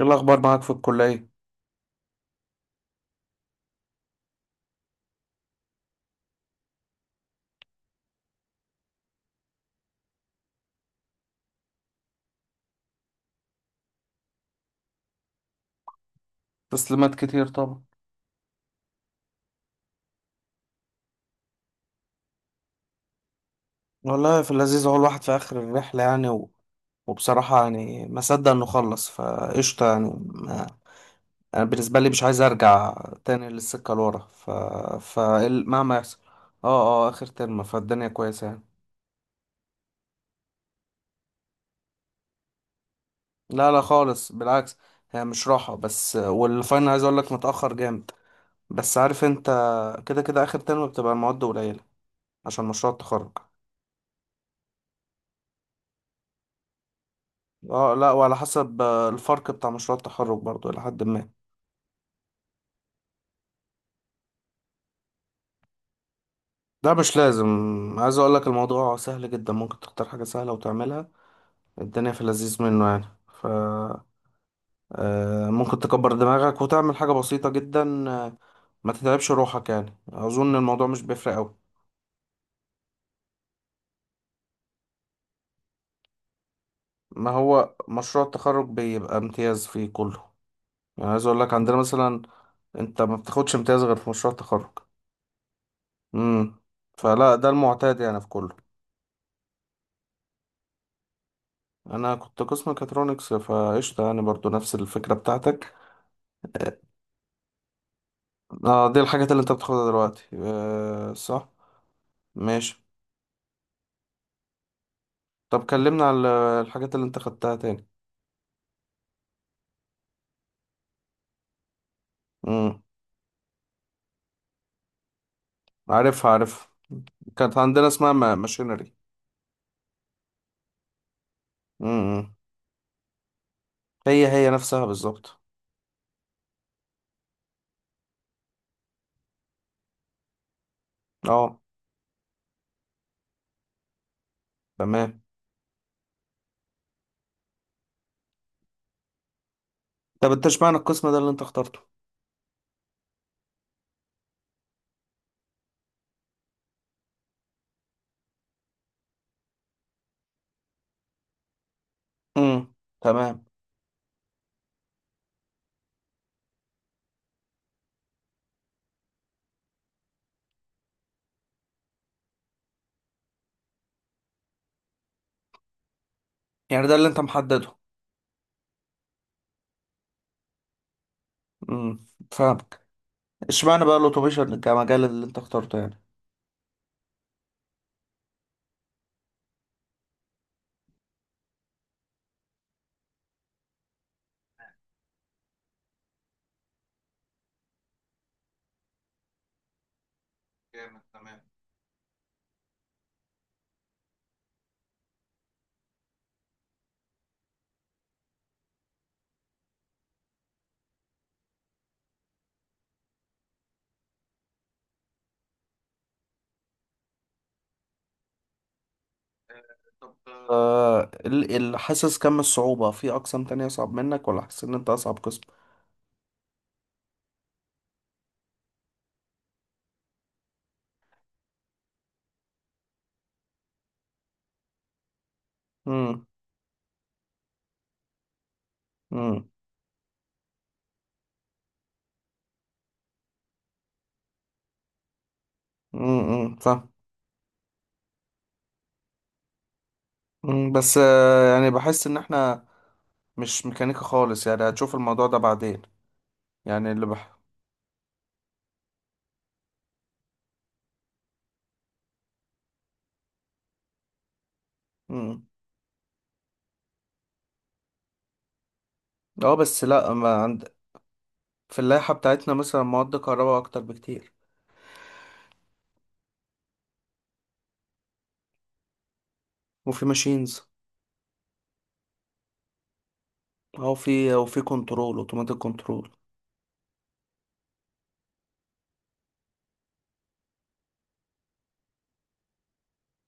ايه الاخبار معاك في الكليه؟ تسليمات كتير طبعا. والله في اللذيذ، هو الواحد في آخر الرحلة يعني وبصراحة يعني ما صدق إنه خلص فقشطة يعني ما... أنا بالنسبة لي مش عايز أرجع تاني للسكة لورا، فمهما يحصل اه آخر ترم، فالدنيا كويسة يعني. لا لا خالص بالعكس، هي مش راحة، بس والفاينل عايز أقولك متأخر جامد. بس عارف أنت، كده كده آخر ترم بتبقى المواد قليلة عشان مشروع التخرج. اه لا، وعلى حسب الفرق بتاع مشروع التخرج برضو إلى حد ما. ده مش لازم، عايز أقولك الموضوع سهل جدا، ممكن تختار حاجة سهلة وتعملها. الدنيا في اللذيذ منه يعني. ف ممكن تكبر دماغك وتعمل حاجة بسيطة جدا. ما تتعبش روحك، يعني أظن الموضوع مش بيفرق أوي. ما هو مشروع التخرج بيبقى امتياز فيه كله، يعني عايز أقولك عندنا مثلا أنت ما بتاخدش امتياز غير في مشروع التخرج. امم فلا، ده المعتاد يعني في كله. انا كنت قسم ميكاترونكس فقشطه، يعني برضو نفس الفكره بتاعتك. اه دي الحاجات اللي انت بتاخدها دلوقتي، آه صح. ماشي. طب كلمنا على الحاجات اللي انت خدتها تاني. امم، عارفها عارف، كانت عندنا اسمها ماشينري. امم، هي هي نفسها بالظبط. اه تمام. طب انت اشمعنى القسم ده اللي انت اخترته؟ امم تمام. يعني ده اللي انت محدده. امم فاهمك. اشمعنى بقى الاوتوميشن كمجال اللي انت اخترته يعني؟ جامد تمام. حاسس كم الصعوبة في أقسام تانية أصعب منك، ولا حاسس إن أنت أصعب قسم؟ امم. امم. فاهم. مم. بس يعني بحس إن إحنا مش ميكانيكا خالص يعني، هتشوف الموضوع ده بعدين. يعني اللي بح امم. أه بس لأ، ما عند في اللائحة بتاعتنا مثلا مواد كهرباء أكتر بكتير. وفي ماشينز. أو في وفي كنترول، أوتوماتيك كنترول.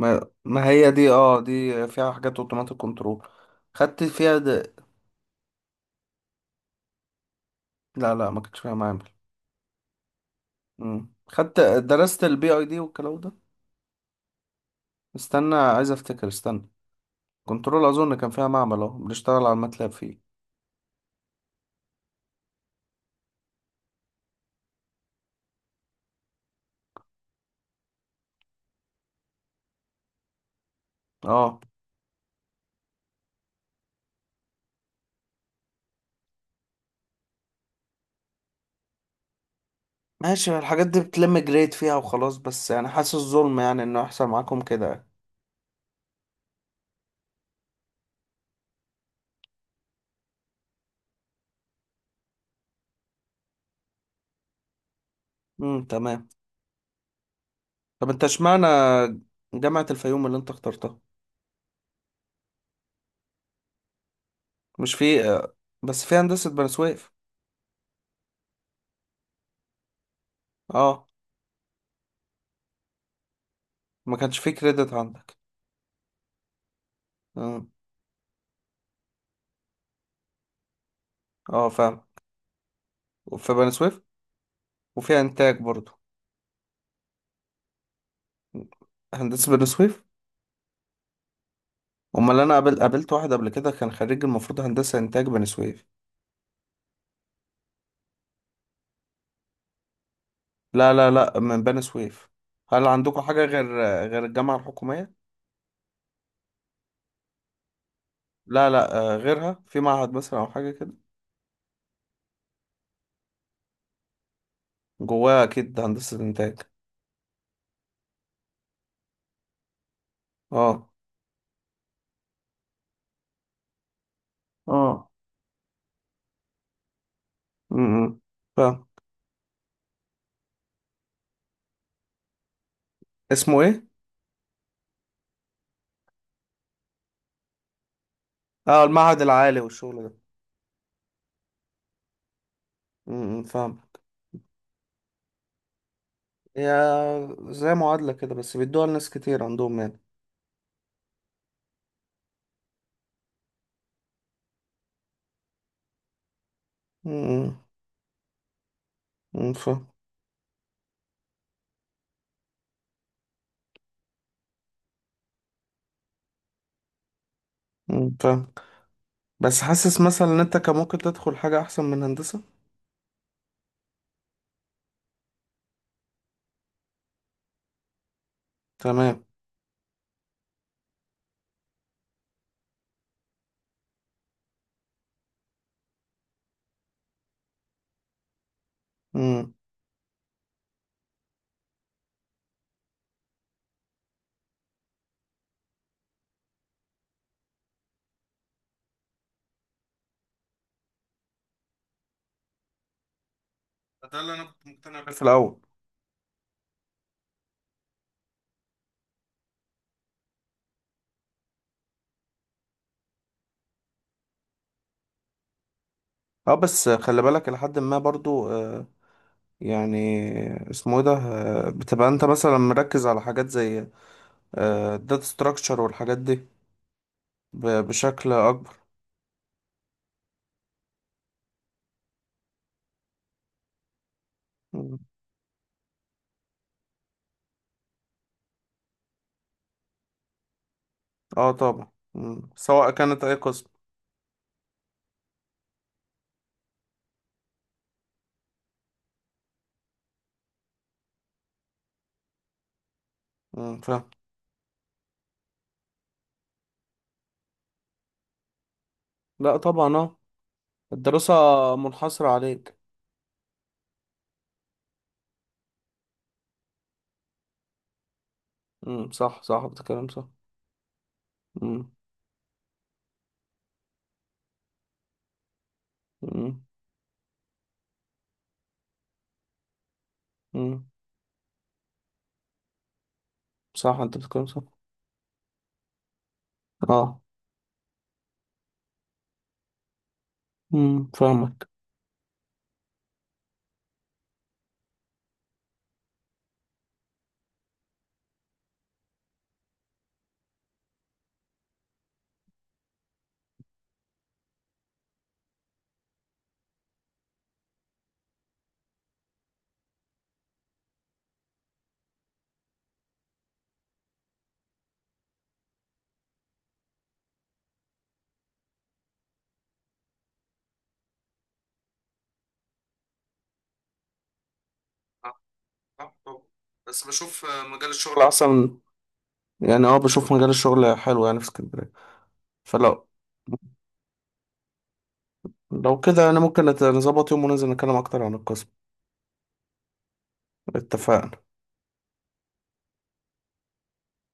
ما ما هي دي، أه دي فيها حاجات أوتوماتيك كنترول، خدت فيها د... لا لا ما كنتش فيها معامل. مم. خدت درست البي اي دي والكلام ده. استنى عايز افتكر، استنى. كنترول اظن كان فيها معمل، اهو بنشتغل على الماتلاب فيه. اه ماشي، الحاجات دي بتلم جريد فيها وخلاص، بس يعني حاسس ظلم يعني انه يحصل معاكم كده. تمام. طب انت اشمعنى جامعة الفيوم اللي انت اخترتها؟ مش في بس في هندسة بني سويف؟ اه، ما كانش في كريدت عندك. مم. اه فاهم. في بني سويف. وفي انتاج برضو. هندسة بني سويف. امال انا قابلت واحد قبل كده كان خريج المفروض هندسه انتاج بني سويف. لا لا لا، من بني سويف. هل عندكم حاجه غير، غير الجامعه الحكوميه؟ لا لا، غيرها في معهد مثلا او حاجه كده؟ جواها اكيد هندسه انتاج. اه. اه. امم فاهم. اسمه ايه؟ اه المعهد العالي والشغل ده. فاهم. هي زي معادله كده، بس بيدوها لناس كتير عندهم يعني. امم. أمم، فاهم. مم، فاهم. بس حاسس مثلا ان انت كان ممكن تدخل حاجه احسن من هندسه. تمام. امم. ده اللي انا كنت مقتنع بيه في الاول. اه بس خلي بالك لحد ما برضو، يعني اسمه ايه ده، بتبقى انت مثلا مركز على حاجات زي الداتا ستراكشر والحاجات دي، بشكل اكبر. مم. اه طبعا. مم. سواء كانت اي قسم. مم، فاهم. لا طبعا اه، الدراسة منحصرة عليك. مم، صح صح، بتتكلم صح. مم. مم. مم، صح انت بتتكلم صح. اه. مم، فاهمك. آه، صح طبعا. بس بشوف مجال الشغل احسن، يعني اه بشوف مجال الشغل حلو يعني في اسكندرية. فلو لو كده انا ممكن نظبط يوم وننزل نتكلم اكتر عن القسم. اتفقنا.